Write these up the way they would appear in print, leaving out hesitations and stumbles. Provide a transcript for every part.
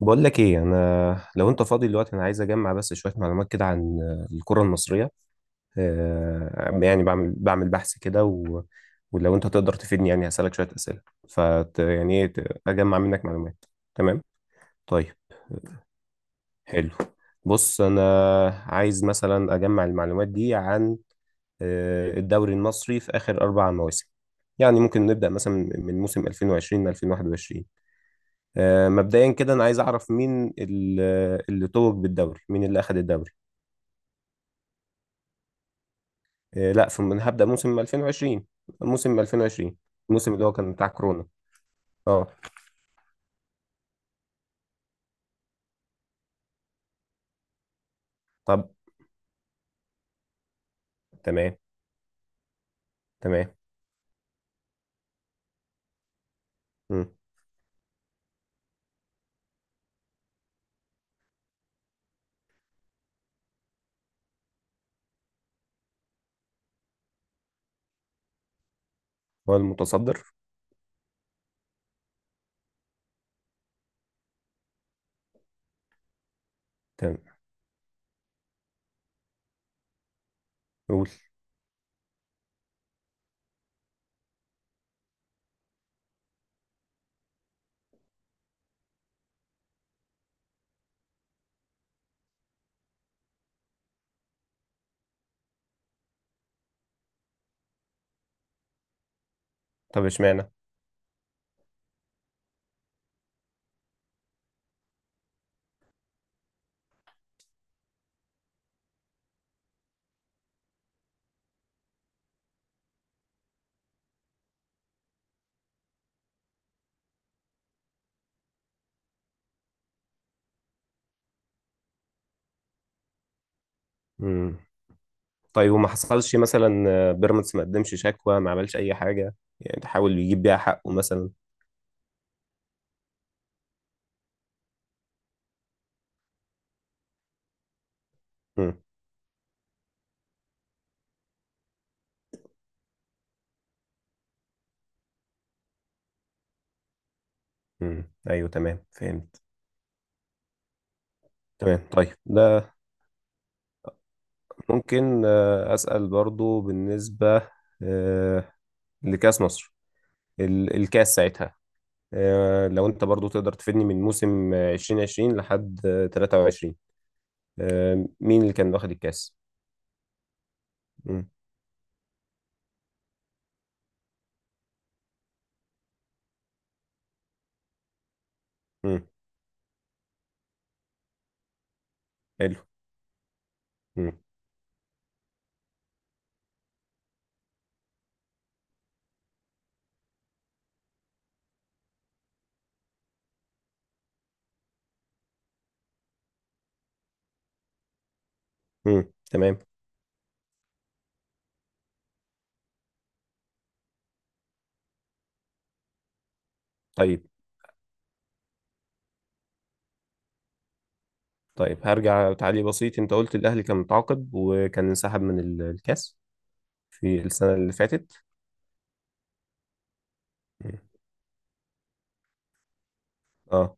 بقول لك ايه، انا لو انت فاضي دلوقتي انا عايز اجمع بس شويه معلومات كده عن الكره المصريه. يعني بعمل بحث كده و... ولو انت تقدر تفيدني يعني هسالك شويه اسئله. فت يعني ايه اجمع منك معلومات. تمام. طيب. حلو. بص، انا عايز مثلا اجمع المعلومات دي عن الدوري المصري في اخر اربع مواسم. يعني ممكن نبدا مثلا من موسم 2020 ل 2021. مبدئيا كده انا عايز اعرف مين اللي توج بالدوري، مين اللي اخذ الدوري. لا، ثم أنا هبدا موسم 2020، موسم 2020. الموسم اللي هو كان بتاع كورونا. اه. طب تمام. تمام. مم. هو المتصدر. تمام. قول. طب اشمعنى؟ مم. طيب، وما حصلش مثلا بيراميدز ما قدمش شكوى، ما عملش اي حاجه، يعني تحاول يجيب بيها حقه مثلا؟ مم. مم. ايوه تمام، فهمت. تمام. طيب ده، ممكن اسال برضو بالنسبه آه، لكاس مصر، الكاس ساعتها. لو انت برضو تقدر تفيدني من موسم 2020 لحد 23، مين اللي كان واخد الكاس؟ مم. مم. حلو. مم. مم. تمام. طيب. طيب هرجع تعليق بسيط، انت قلت الاهلي كان متعاقد وكان انسحب من الكاس في السنة اللي فاتت. مم. اه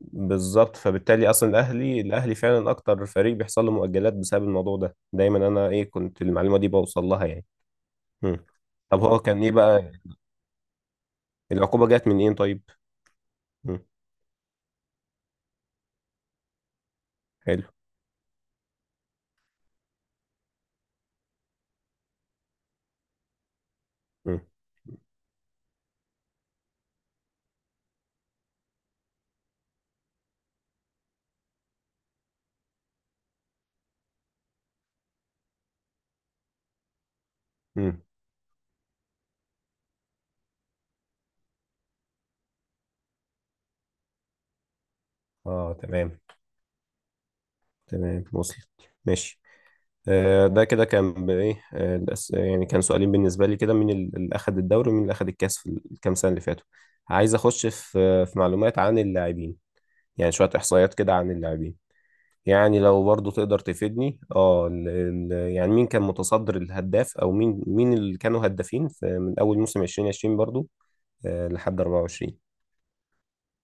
بالظبط، فبالتالي اصلا الاهلي فعلا اكتر فريق بيحصل له مؤجلات بسبب الموضوع ده دايما. انا ايه، كنت المعلومة دي بوصل لها يعني. مم. طب هو كان ايه بقى، العقوبة جت من ايه طيب؟ مم. حلو. مم. مم. اه تمام. تمام، وصلت. ماشي. آه ده كده كان ايه، آه يعني كان سؤالين بالنسبة لي كده، مين اللي أخد الدوري ومين اللي أخد الكاس في الكام سنة اللي فاتوا. عايز أخش في معلومات عن اللاعبين، يعني شوية إحصائيات كده عن اللاعبين. يعني لو برضو تقدر تفيدني اه يعني مين كان متصدر الهداف، او مين اللي كانوا هدافين في من اول موسم 2020 برضو. آه لحد 24.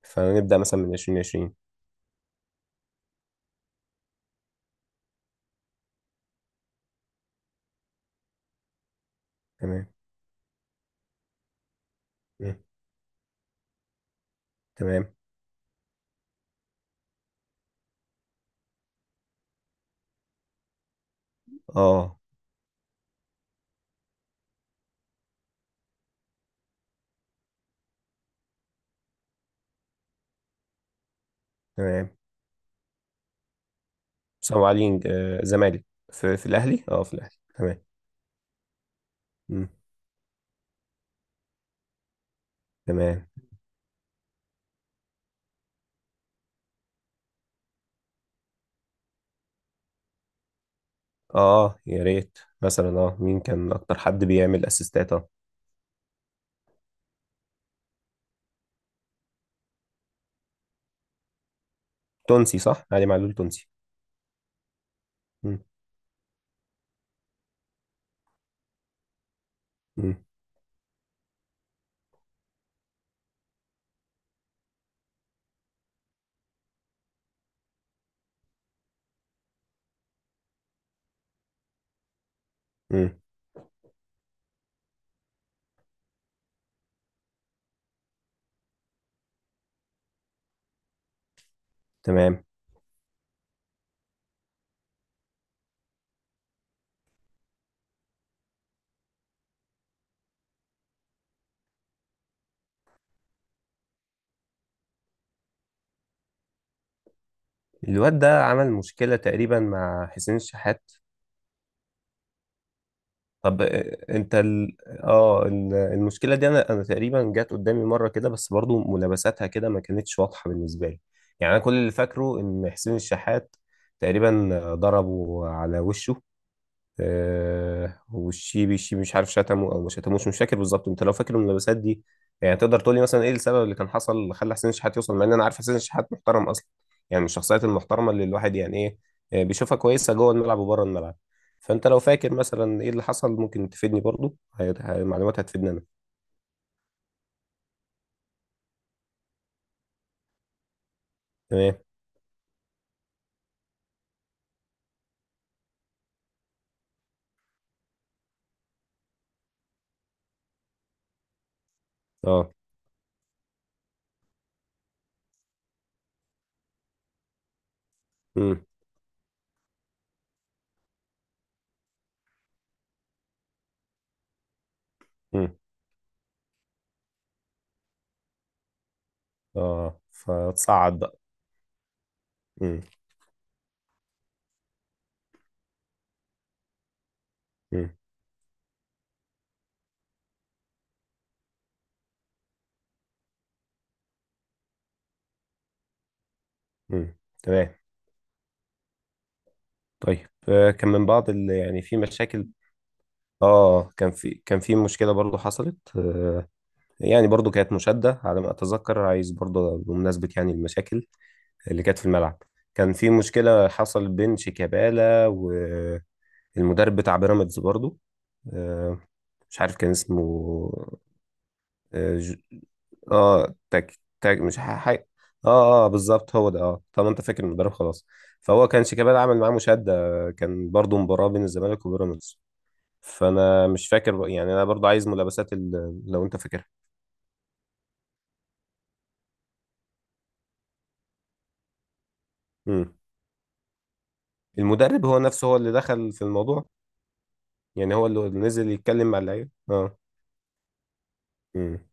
فنبدأ مثلا من 2020. تمام. مم. تمام. اه تمام. سلام علي. زمالك. في الاهلي، اه في الاهلي. تمام. مم. تمام. اه يا ريت مثلا، اه مين كان اكتر حد بيعمل اسيستات اه. تونسي صح، علي معلول تونسي؟ مم. مم. مم. تمام. الواد ده عمل مشكلة تقريبا مع حسين الشحات. طب انت ال... اه المشكله دي انا تقريبا جت قدامي مره كده، بس برضو ملابساتها كده ما كانتش واضحه بالنسبه لي. يعني انا كل اللي فاكره ان حسين الشحات تقريبا ضربه على وشه، آه والشيبي، مش عارف شتمه او ما شتموش، مش فاكر بالظبط. انت لو فاكر الملابسات دي، يعني تقدر تقول لي مثلا ايه السبب اللي كان حصل اللي خلى حسين الشحات يوصل، مع ان انا عارف حسين الشحات محترم اصلا، يعني من الشخصيات المحترمه اللي الواحد يعني ايه بيشوفها كويسه جوه الملعب وبره الملعب. فانت لو فاكر مثلا ايه اللي حصل ممكن تفيدني برضو، معلومات هتفيدني انا. تمام. اه. امم. امم. اه فتصعد بقى. امم. امم. امم. تمام. طيب كان من بعض اللي يعني في مشاكل. اه كان في مشكله برضو حصلت يعني برضو كانت مشاده، على ما اتذكر، عايز برضو بمناسبه يعني المشاكل اللي كانت في الملعب. كان في مشكله حصل بين شيكابالا والمدرب بتاع بيراميدز برضو، آه، مش عارف كان اسمه. اه تاك تاك، مش اه. اه بالظبط هو ده، اه. طب انت فاكر المدرب؟ خلاص. فهو كان شيكابالا عمل معاه مشاده، كان برضو مباراه بين الزمالك وبيراميدز. فانا مش فاكر يعني انا برضو عايز ملابسات لو انت فاكرها. امم. المدرب هو نفسه هو اللي دخل في الموضوع. يعني هو اللي نزل يتكلم مع اللعيبه اه. امم.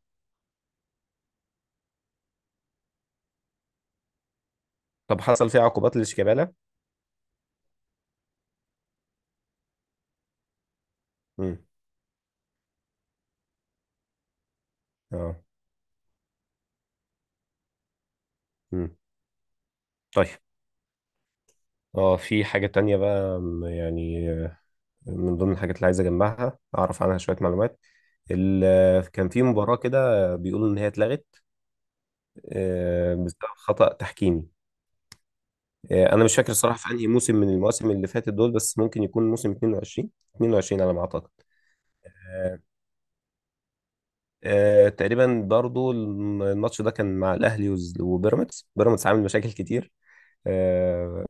طب حصل فيه عقوبات لشيكابالا؟ امم. اه. امم. طيب، اه في حاجة تانية بقى يعني من ضمن الحاجات اللي عايز اجمعها، اعرف عنها شوية معلومات. كان في مباراة كده، بيقولوا ان هي اتلغت بسبب خطأ تحكيمي. انا مش فاكر الصراحه في انهي موسم من المواسم اللي فاتت دول، بس ممكن يكون موسم 22، 22 على ما اعتقد. آه، تقريبا برضو الماتش ده كان مع الاهلي وبيراميدز، بيراميدز عامل مشاكل كتير. آه،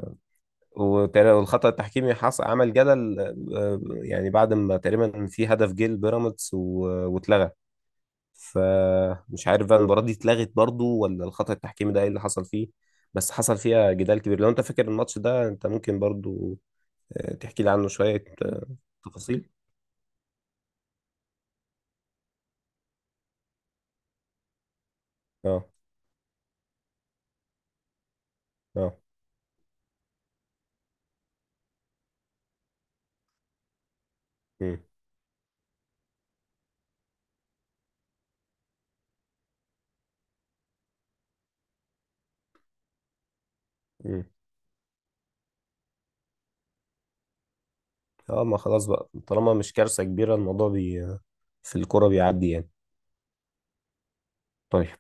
والخطأ التحكيمي حصل عمل جدل، يعني بعد ما تقريبا في هدف جه لبيراميدز واتلغى. فمش عارف بقى المباراة دي اتلغت برضو، ولا الخطأ التحكيمي ده ايه اللي حصل فيه. بس حصل فيها جدال كبير. لو انت فاكر الماتش ده، انت ممكن برضو تحكي لي عنه شوية تفاصيل. اه. اه. امم. امم. اه ما خلاص بقى، طالما مش كارثة كبيرة الموضوع في الكورة بيعدي يعني. طيب.